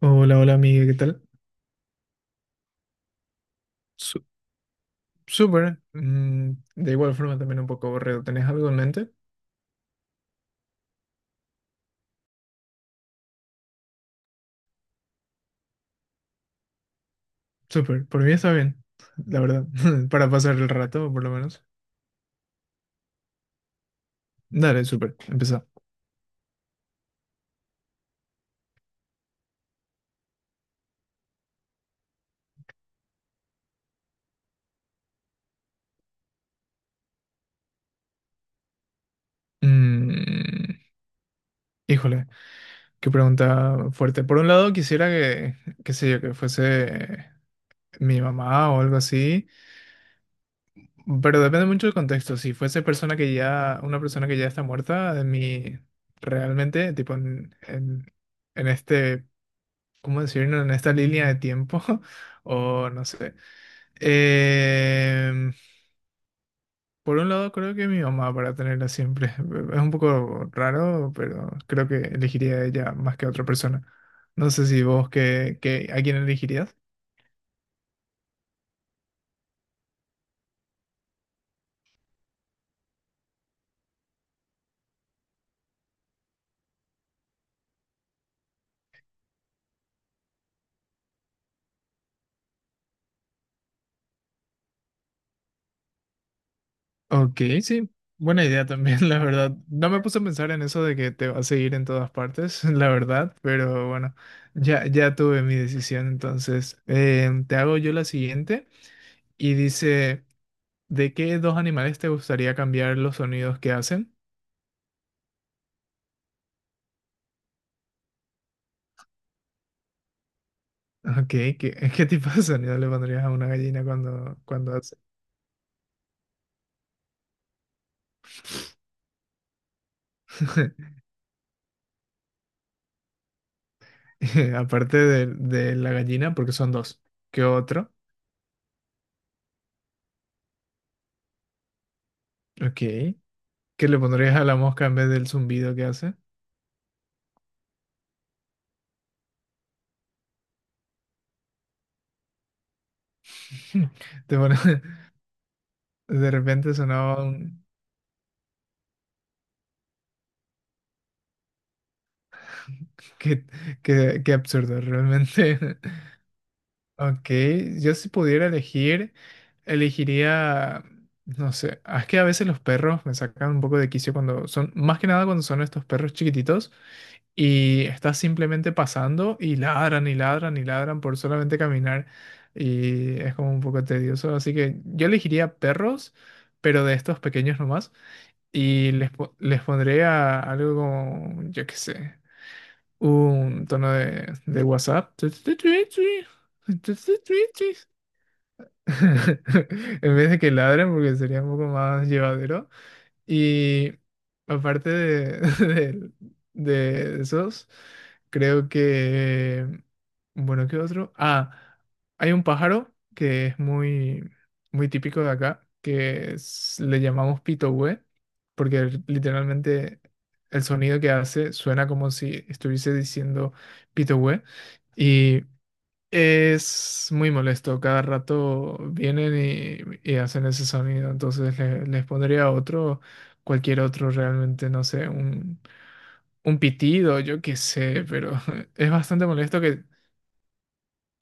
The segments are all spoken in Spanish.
Hola, hola amiga, ¿qué tal? Su- Súper. De igual forma también un poco aburrido. ¿Tenés algo en mente? Súper. Por mí está bien, la verdad. Para pasar el rato, por lo menos. Dale, súper. Empezá. Mm, Híjole, qué pregunta fuerte. Por un lado, qué sé yo, que fuese mi mamá o algo así. Pero depende mucho del contexto. Si fuese una persona que ya está muerta, de mí realmente, tipo en en este ¿cómo decirlo? En esta línea de tiempo, o no sé. Em, por un lado, creo que mi mamá para tenerla siempre. Es un poco raro, pero creo que elegiría a ella más que a otra persona. No sé si vos, ¿a quién elegirías? Ok, sí, buena idea también, la verdad. No me puse a pensar en eso de que te va a seguir en todas partes, la verdad, pero bueno, ya tuve mi decisión, entonces te hago yo la siguiente y dice... ¿De qué dos animales te gustaría cambiar los sonidos que hacen? Ok, ¿qué tipo de sonido le pondrías a una gallina cuando hace? Aparte de la gallina, porque son dos. ¿Qué otro? Ok. ¿Qué le pondrías a la mosca en vez del zumbido que hace? Te pone- de repente sonaba un... Qué, qué absurdo, realmente. Ok, yo si pudiera elegir, elegiría, no sé, ah, es que a veces los perros me sacan un poco de quicio cuando son, más que nada cuando son estos perros chiquititos y estás simplemente pasando y ladran y ladran y ladran por solamente caminar y es como un poco tedioso, así que yo elegiría perros, pero de estos pequeños nomás y les pondré a algo como, yo qué sé, un tono de WhatsApp. En vez de que ladren, porque sería un poco más llevadero. Y aparte de, de esos, creo que... Bueno, ¿qué otro? Ah, hay un pájaro que es muy, muy típico de acá, le llamamos pitohue, porque literalmente el sonido que hace suena como si estuviese diciendo pitohue. Es muy molesto, cada rato vienen y hacen ese sonido, entonces les pondría otro, cualquier otro realmente, no sé, un pitido, yo qué sé, pero es bastante molesto que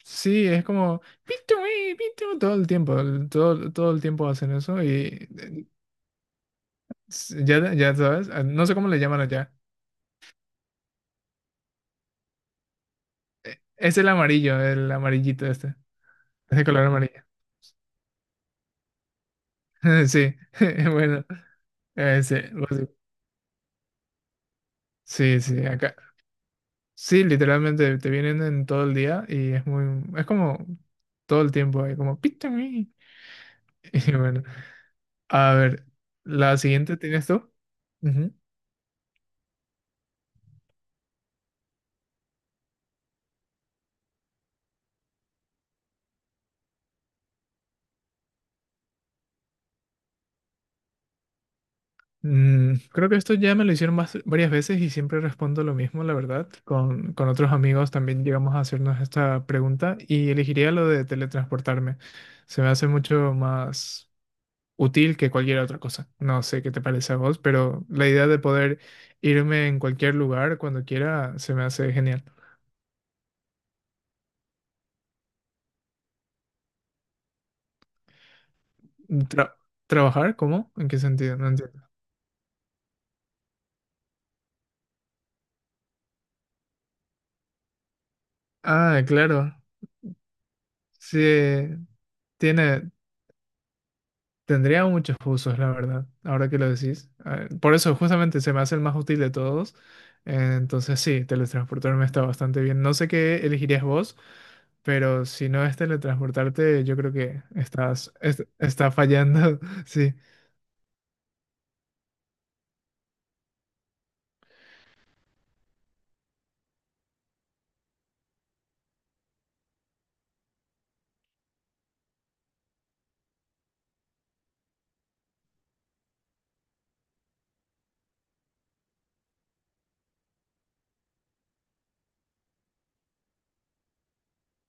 sí, es como "Pitu, pitu", todo el tiempo, todo el tiempo hacen eso y eh, ya sabes, ah, no sé cómo le llaman allá, es el amarillo, el amarillito este, es de color amarillo, sí, bueno, ese, básico. Sí, sí, acá. Sí, literalmente te vienen en todo el día y es muy, es como todo el tiempo ahí, como pita me. Y bueno, a ver, la siguiente tienes tú. Ujú. Creo que esto ya me lo hicieron varias veces y siempre respondo lo mismo, la verdad. Con otros amigos también llegamos a hacernos esta pregunta y elegiría lo de teletransportarme. Se me hace mucho más útil que cualquier otra cosa. No sé qué te parece a vos, pero la idea de poder irme en cualquier lugar cuando quiera se me hace genial. Tra- ¿Trabajar? ¿Cómo? ¿En qué sentido? No entiendo. Ah, claro. Sí, tiene, tendría muchos usos, la verdad, ahora que lo decís. Ah, por eso justamente se me hace el más útil de todos. Entonces sí, teletransportarme está bastante bien. No sé qué elegirías vos. Pero si no es teletransportarte, yo creo que está fallando. Sí.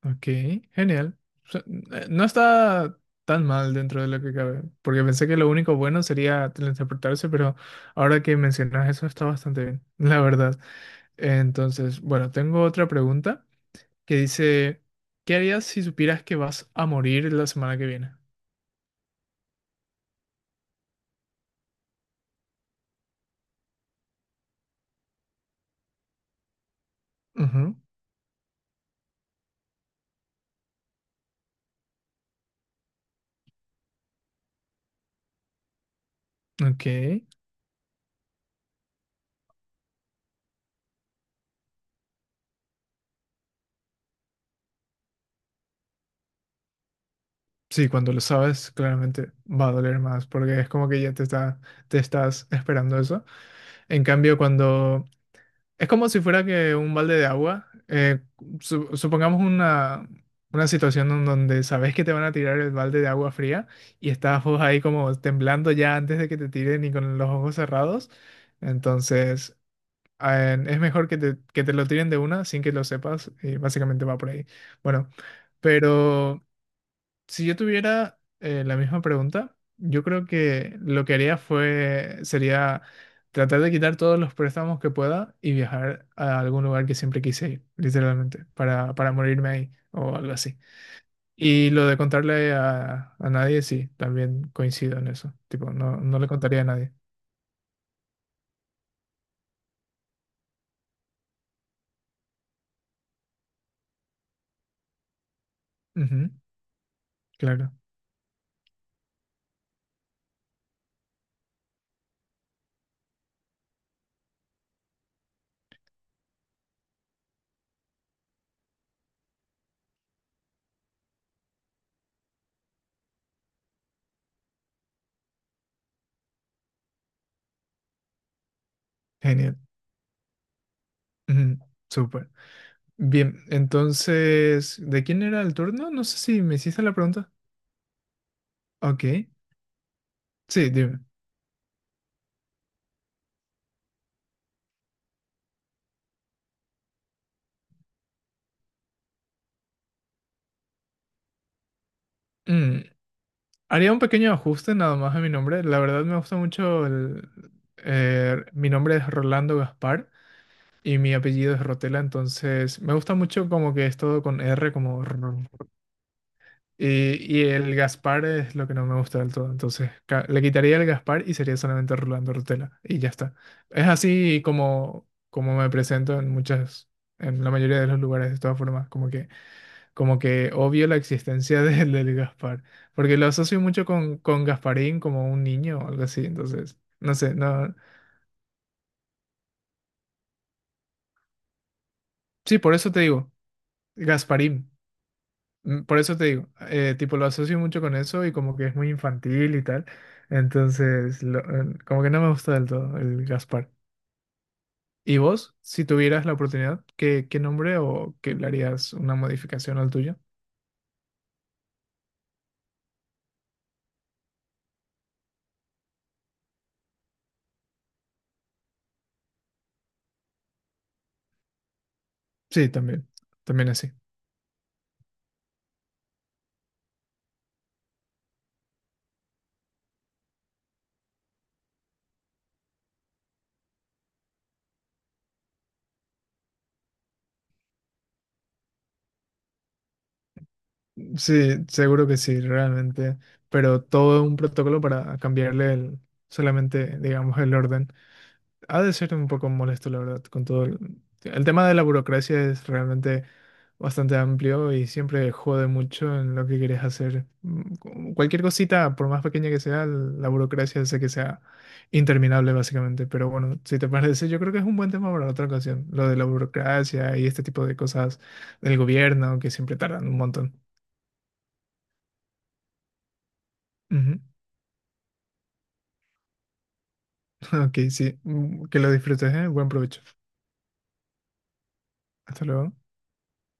Ok, genial. O sea, no está tan mal dentro de lo que cabe, porque pensé que lo único bueno sería teletransportarse, pero ahora que mencionas eso está bastante bien, la verdad. Entonces, bueno, tengo otra pregunta que dice, ¿qué harías si supieras que vas a morir la semana que viene? Ujú, ok. Sí, cuando lo sabes, claramente va a doler más, porque es como que ya te estás esperando eso. En cambio, cuando es como si fuera que un balde de agua, supongamos una situación en donde sabes que te van a tirar el balde de agua fría y estás vos ahí como temblando ya antes de que te tiren y con los ojos cerrados. Entonces, es mejor que que te lo tiren de una sin que lo sepas y básicamente va por ahí. Bueno, pero si yo tuviera la misma pregunta, yo creo que lo que sería tratar de quitar todos los préstamos que pueda y viajar a algún lugar que siempre quise ir, literalmente, para morirme ahí o algo así. Y lo de contarle a nadie, sí, también coincido en eso. Tipo, no, no le contaría a nadie. Ujú, claro, genial. Ujú, súper. Bien, entonces, ¿de quién era el turno? No sé si me hiciste la pregunta. Ok, sí, dime. Mm. Haría un pequeño ajuste nada más a mi nombre. La verdad me gusta mucho el... mi nombre es Rolando Gaspar y mi apellido es Rotela, entonces me gusta mucho como que es todo con R, como... rr. Y el Gaspar es lo que no me gusta del todo, entonces le quitaría el Gaspar y sería solamente Rolando Rotela y ya está. Es así como, como me presento en muchas, en la mayoría de los lugares de todas formas, como que obvio la existencia del Gaspar, porque lo asocio mucho con Gasparín como un niño o algo así, entonces, no sé, no, sí, por eso te digo, Gasparín, mm, por eso te digo, tipo lo asocio mucho con eso y como que es muy infantil y tal, entonces, como que no me gusta del todo el Gaspar. ¿Y vos, si tuvieras la oportunidad, qué nombre o qué le harías una modificación al tuyo? Sí, también, también así. Sí, seguro que sí, realmente. Pero todo un protocolo para solamente, digamos, el orden. Ha de ser un poco molesto, la verdad, con todo el tema de la burocracia es realmente bastante amplio y siempre jode mucho en lo que quieres hacer. Cualquier cosita, por más pequeña que sea, la burocracia hace que sea interminable, básicamente. Pero bueno, si te parece, yo creo que es un buen tema para otra ocasión, lo de la burocracia y este tipo de cosas del gobierno que siempre tardan un montón. Ujú. Ok, sí. Que lo disfrutes, ¿eh? Buen provecho. Hasta luego.